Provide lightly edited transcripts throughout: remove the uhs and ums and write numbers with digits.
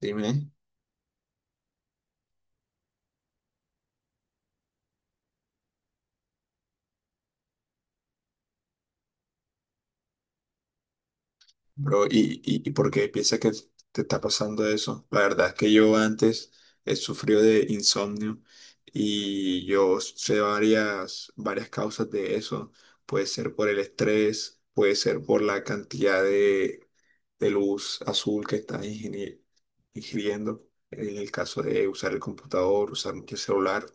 Dime, bro, ¿y por qué piensas que te está pasando eso? La verdad es que yo antes he sufrido de insomnio y yo sé varias causas de eso. Puede ser por el estrés, puede ser por la cantidad de luz azul que estás ingiriendo en el caso de usar el computador, usar mucho el celular,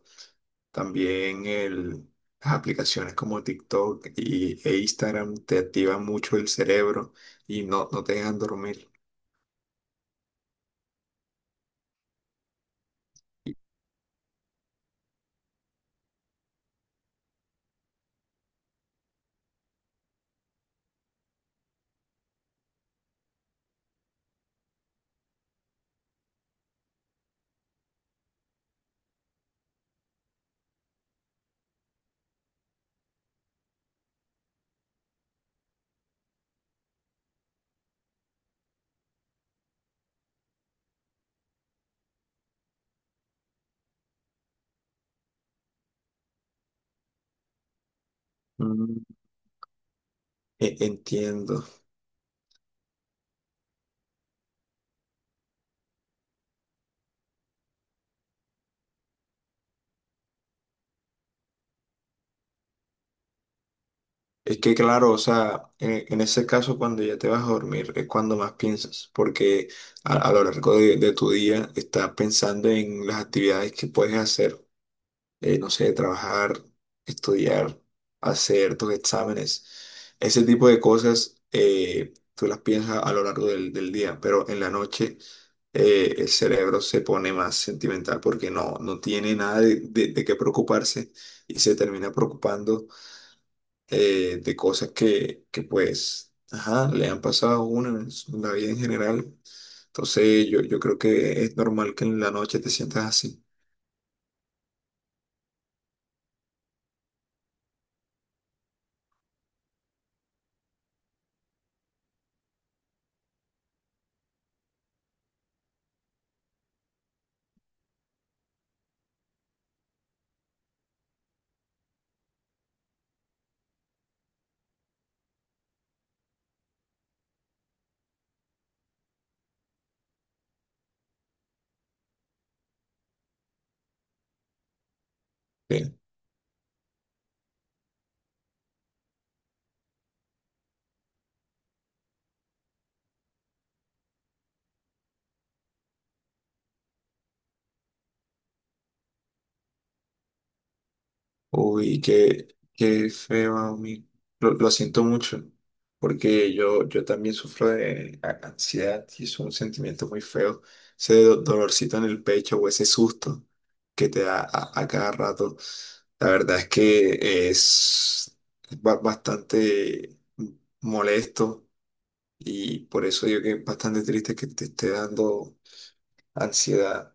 también las aplicaciones como TikTok e Instagram te activan mucho el cerebro y no te dejan dormir. Mm, Entiendo. Es que claro, o sea, en ese caso cuando ya te vas a dormir es cuando más piensas, porque a lo largo de tu día estás pensando en las actividades que puedes hacer, no sé, trabajar, estudiar, hacer tus exámenes, ese tipo de cosas. Tú las piensas a lo largo del día, pero en la noche el cerebro se pone más sentimental porque no tiene nada de qué preocuparse y se termina preocupando, de cosas que pues, ajá, le han pasado a uno en en la vida en general. Entonces yo creo que es normal que en la noche te sientas así. Sí. Uy, qué feo a mí. Lo siento mucho, porque yo también sufro de ansiedad y es un sentimiento muy feo. Ese dolorcito en el pecho o ese susto que te da a cada rato. La verdad es que es bastante molesto, y por eso yo que es bastante triste que te esté dando ansiedad.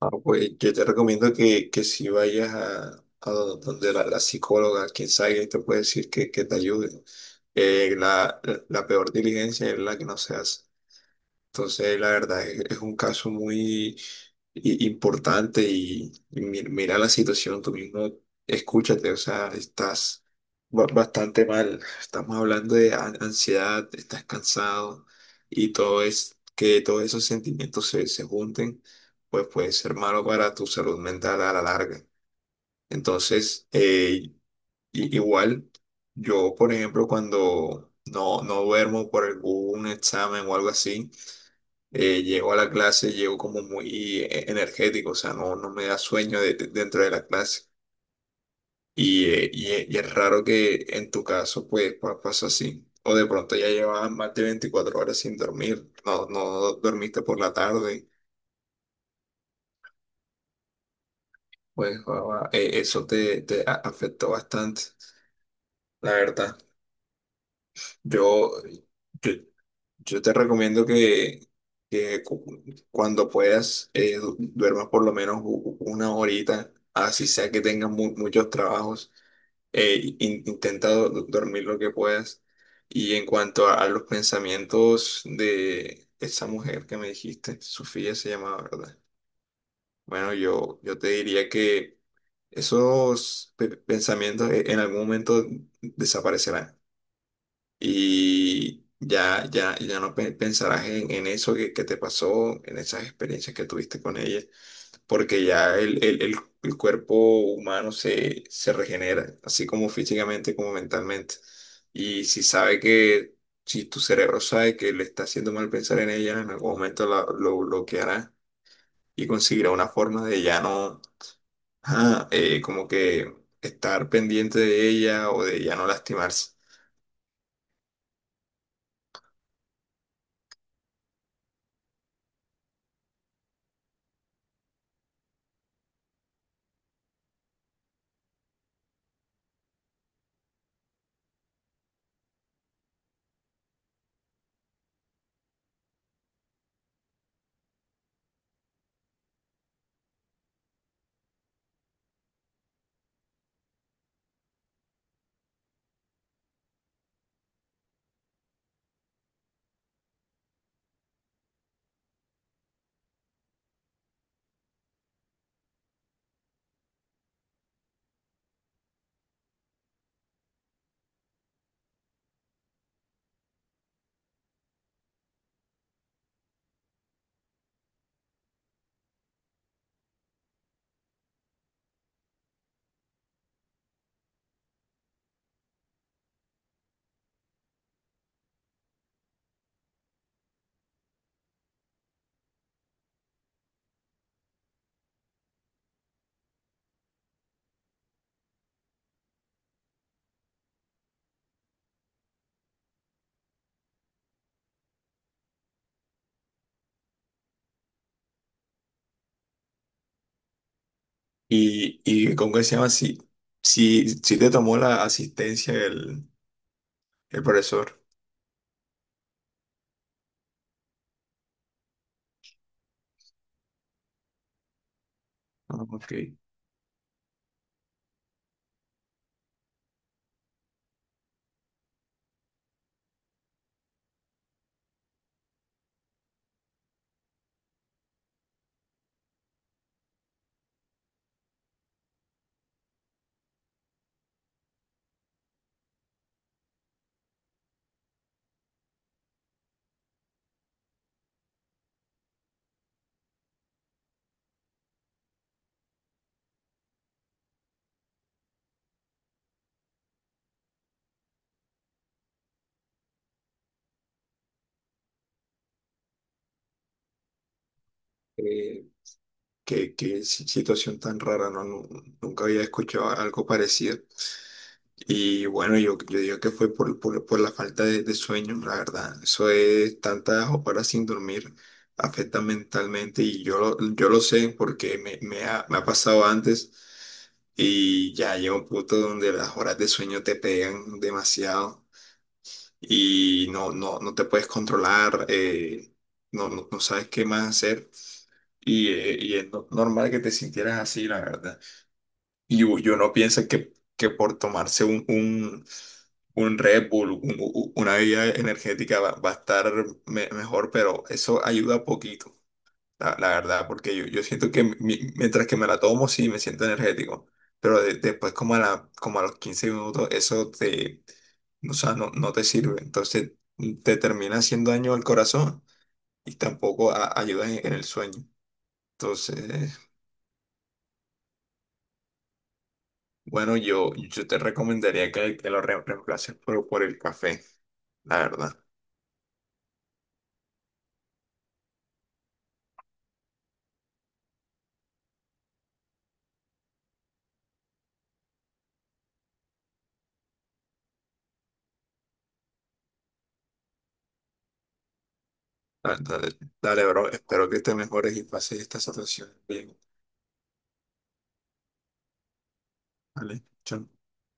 Ah, pues yo te recomiendo que si vayas a donde la psicóloga, quien sabe, y te puede decir que te ayude. Eh, la, la peor diligencia es la que no se hace. Entonces, la verdad es un caso muy importante y mira la situación, tú mismo escúchate, o sea, estás bastante mal, estamos hablando de ansiedad, estás cansado, y todo es que todos esos sentimientos se junten, pues puede ser malo para tu salud mental a la larga. Entonces, igual, yo, por ejemplo, cuando no duermo por algún examen o algo así, llego a la clase, llego como muy, energético, o sea, no me da sueño dentro de la clase. Y es raro que en tu caso, pues, pasó así. O de pronto ya llevabas más de 24 horas sin dormir, no dormiste por la tarde, pues eso te afectó bastante, la verdad. Yo, yo, Yo te recomiendo que cuando puedas, duermas por lo menos una horita, así sea que tengas muchos trabajos, intenta dormir lo que puedas. Y en cuanto a los pensamientos de esa mujer que me dijiste, Sofía se llamaba, ¿verdad? Bueno, yo te diría que esos pensamientos, en algún momento desaparecerán y ya no pensarás en eso que te pasó, en esas experiencias que tuviste con ella, porque ya el cuerpo humano se regenera, así como físicamente como mentalmente. Y si sabe si tu cerebro sabe que le está haciendo mal pensar en ella, en algún momento lo bloqueará y conseguirá una forma de ya no, como que estar pendiente de ella, o de ya no lastimarse. Y ¿cómo que se llama? Si, si te tomó la asistencia el profesor. Ah, ok. Eh, qué situación tan rara, ¿no? Nunca había escuchado algo parecido. Y bueno, yo digo que fue por la falta de sueño, la verdad. Eso es tantas horas sin dormir, afecta mentalmente y yo lo sé porque me ha pasado antes, y ya llega un punto donde las horas de sueño te pegan demasiado y no te puedes controlar, no sabes qué más hacer. Y es normal que te sintieras así, la verdad. Y yo no pienso que por tomarse un Red Bull, una bebida energética va a estar mejor, pero eso ayuda poquito la verdad, porque yo siento que mientras que me la tomo, sí me siento energético, pero después como a como a los 15 minutos, eso te, o sea, no te sirve. Entonces te termina haciendo daño al corazón, y tampoco ayuda en el sueño. Entonces, bueno, yo te recomendaría que lo reemplaces por el café, la verdad. Dale, dale, Dale, bro, espero que te mejores y pases esta situación bien, ¿vale? Chao.